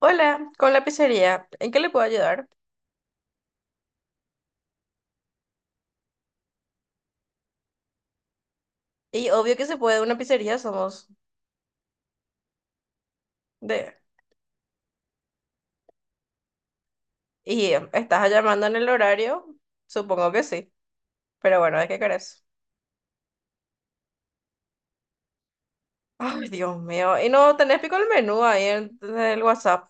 Hola, con la pizzería, ¿en qué le puedo ayudar? Y obvio que se puede, una pizzería somos de... ¿Y estás llamando en el horario? Supongo que sí, pero bueno, ¿de qué querés? Ay, Dios mío, y no tenés pico el menú ahí en el WhatsApp.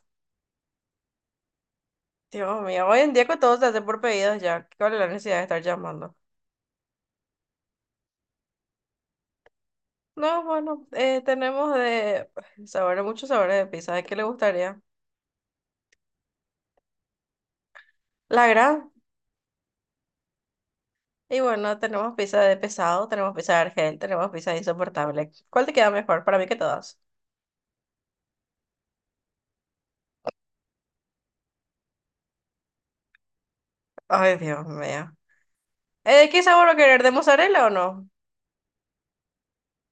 Dios mío, hoy en día que todo se hace por pedidos ya, ¿cuál es la necesidad de estar llamando? No, bueno, tenemos de sabores, muchos sabores de pizza, ¿de qué le gustaría? La gran, y bueno, tenemos pizza de pesado, tenemos pizza de argel, tenemos pizza de insoportable. ¿Cuál te queda mejor? Para mí que todas. Ay, Dios mío. ¿Qué sabor va a querer? ¿De mozzarella o no?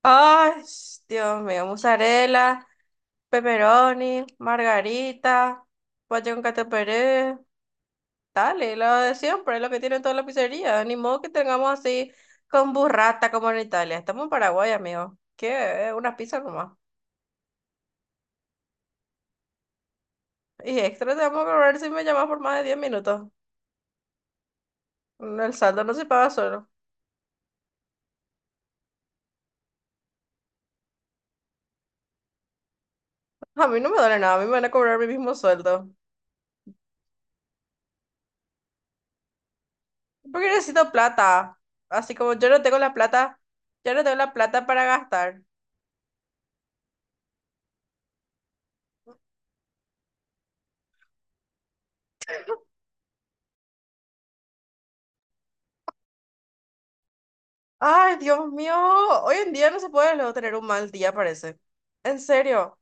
Ay, Dios mío. Mozzarella, pepperoni, margarita, guayón cato pérez. Dale, lo de siempre, lo que tienen todas las pizzerías. Ni modo que tengamos así con burrata como en Italia. Estamos en Paraguay, amigo. ¿Qué? Unas pizzas nomás. Y extra te vamos a cobrar si me llamas por más de 10 minutos. El saldo no se paga solo. A mí no me duele nada, a mí me van a cobrar mi mismo sueldo. Porque necesito plata. Así como yo no tengo la plata, yo no tengo la plata para gastar. Ay, Dios mío, hoy en día no se puede luego tener un mal día, parece. En serio,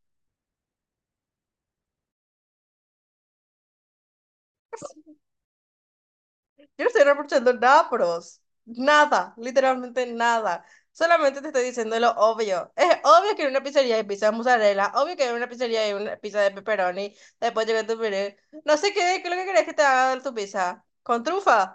yo no estoy reprochando nada, pros. Nada, literalmente nada. Solamente te estoy diciendo lo obvio. Es obvio que en una pizzería hay pizza de mozzarella, obvio que en una pizzería hay una pizza de pepperoni, después llega tu pizzería. No sé qué es lo que querés que te haga tu pizza. ¿Con trufa?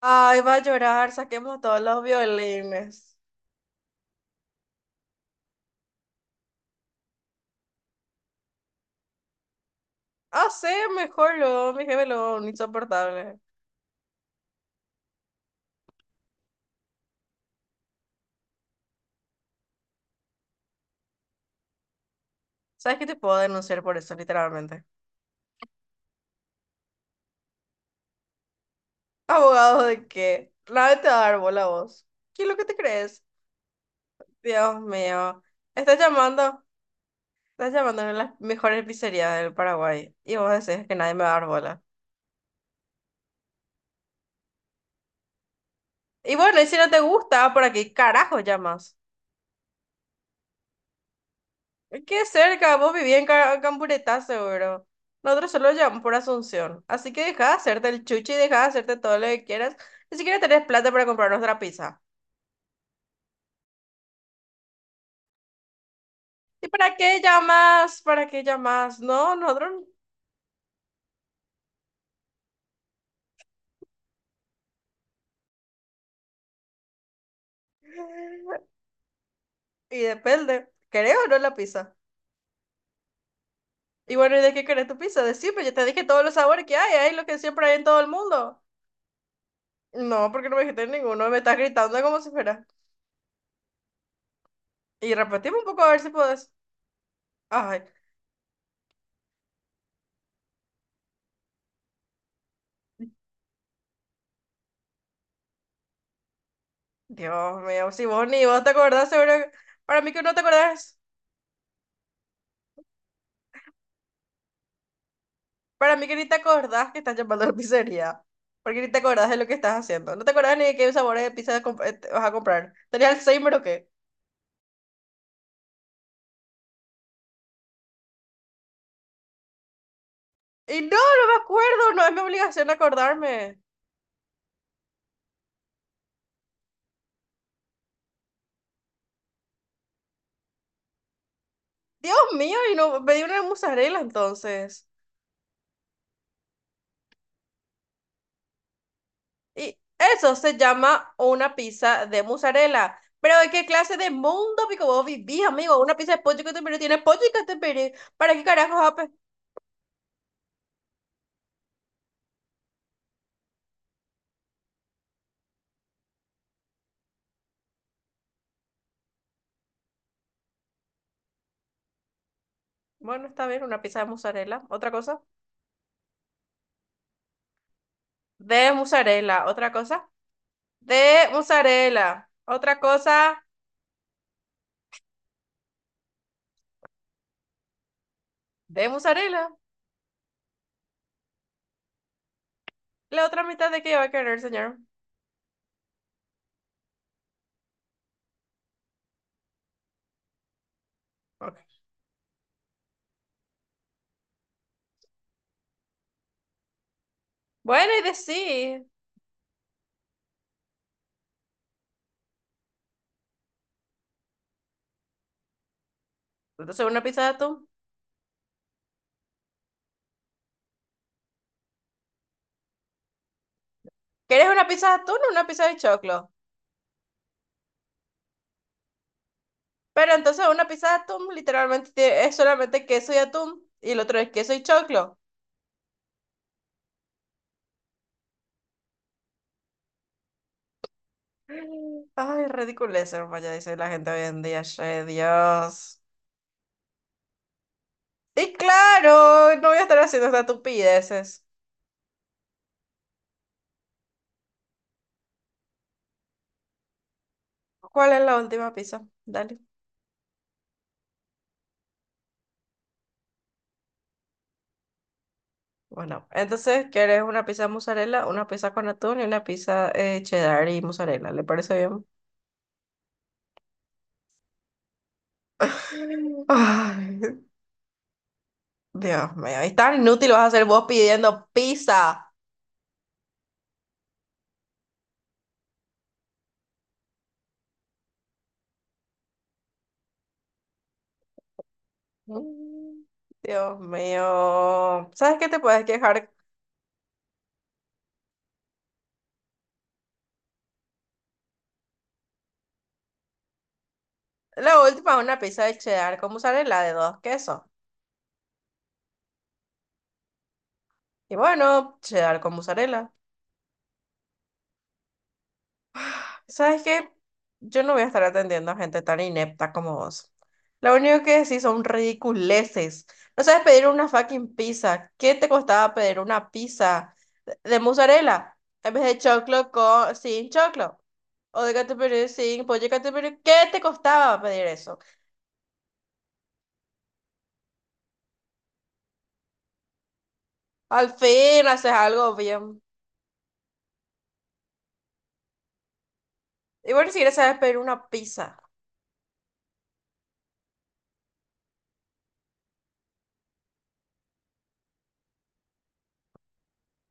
Ay, va a llorar, saquemos a todos los violines. Hacer mejor lo, mi jefe lo insoportable. ¿Sabes qué te puedo denunciar por eso, literalmente? ¿Abogado de qué? Nadie te va a dar bola a vos. ¿Qué es lo que te crees? Dios mío. Estás llamando, estás llamando a una de las mejores pizzerías del Paraguay y vos decís que nadie me va a dar bola. Y bueno, y si no te gusta, ¿para qué carajo llamas? Qué cerca, vos vivís en Ca- Camburetá, seguro. Nosotros solo llamamos por Asunción. Así que deja de hacerte el chuchi y deja de hacerte todo lo que quieras. Ni siquiera tenés plata para comprar nuestra pizza. ¿Y para qué llamas? ¿Para qué llamas? No, no nosotros. Y depende. ¿Querés o no la pizza? Y bueno, ¿y de qué querés tu pizza? Decime, ya te dije todos los sabores que hay lo que siempre hay en todo el mundo. No, porque no me dijiste ninguno, me estás gritando como si fuera. Y repetimos un poco a ver si podés. Ay, Dios mío, si vos ni vos te acordás, seguro. Que- Para mí que no te acordás, para mí que ni te acordás que estás llamando a la pizzería. Porque ni te acordás de lo que estás haciendo. No te acordás ni de qué sabores de pizza comp- te vas a comprar. ¿Tenías Alzheimer o qué? Y no, no me acuerdo, no es mi obligación acordarme. Dios mío, y no pedí una de mozzarella entonces. Y eso se llama una pizza de mozzarella. Pero ¿de qué clase de mundo pico vos vivís, amigo? Una pizza de pollo que catupiry tiene pollo y catupiry. ¿Para qué carajos ape? Bueno, está bien, una pizza de mozzarella. ¿Otra cosa? De mozzarella. ¿Otra cosa? De mozzarella. ¿Otra cosa? De mozzarella. ¿La otra mitad de qué va a querer, señor? Ok. Bueno, y de sí. Entonces, una pizza de atún. ¿Quieres una pizza de atún o una pizza de choclo? Pero entonces una pizza de atún literalmente tie- es solamente queso y atún y el otro es queso y choclo. Ay, ridiculez, hermano, ya dice la gente hoy en día, che, Dios. Y claro, no voy a estar haciendo estas estupideces. ¿Cuál es la última pizza? Dale. Bueno, entonces, ¿quieres una pizza de mozzarella, una pizza con atún y una pizza cheddar y mozzarella? ¿Le parece bien? Ay, Dios mío, es tan inútil vas a ser vos pidiendo pizza. Mm, Dios mío. ¿Sabes qué te puedes quejar? La última una pizza de cheddar con mozzarella de dos quesos. Y bueno, cheddar con mozzarella. ¿Sabes qué? Yo no voy a estar atendiendo a gente tan inepta como vos. Lo único que decís son ridiculeces. No sabes pedir una fucking pizza. ¿Qué te costaba pedir una pizza de mozzarella en vez de choclo sin choclo? O de catupiry sin pollo catupiry. ¿Qué te costaba pedir eso? Al fin haces algo bien. Y bueno, si quieres sabes pedir una pizza.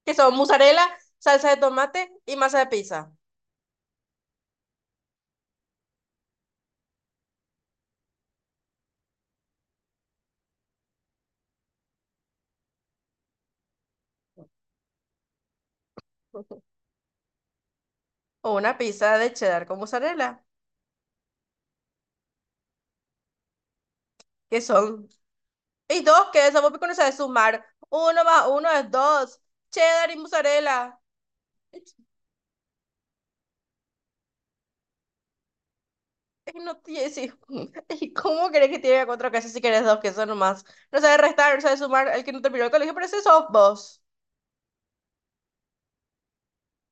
Que son mozzarella, salsa de tomate y masa de pizza. O una pizza de cheddar con mozzarella. Que son. Y dos, que eso vos no sabes sumar. Uno más uno es dos. Cheddar y mozzarella. Y no tiene. Sí. ¿Y cómo crees que tiene cuatro quesos si querés dos quesos nomás? No sabes restar, no sabes sumar. El que no terminó el colegio, pero ese sos vos.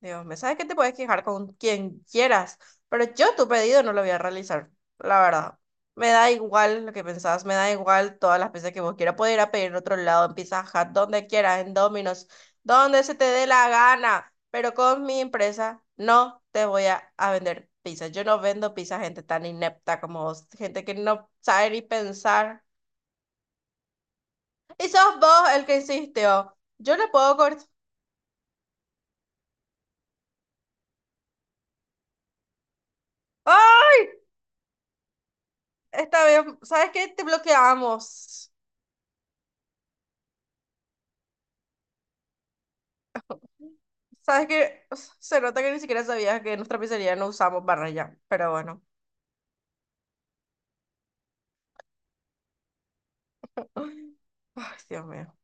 Dios me sabes que te puedes quejar con quien quieras, pero yo tu pedido no lo voy a realizar, la verdad. Me da igual lo que pensás, me da igual todas las veces que vos quieras. Puedes ir a pedir en otro lado, en Pizza Hut, donde quieras, en Domino's, donde se te dé la gana, pero con mi empresa no te voy a vender pizza. Yo no vendo pizza a gente tan inepta como vos, gente que no sabe ni pensar. Y sos vos el que insistió. Yo no puedo cortar. ¡Ah! Está bien, ¿sabes qué? Te bloqueamos. Sabes que se nota que ni siquiera sabías que en nuestra pizzería no usamos barra ya, pero bueno. Ay, Dios mío.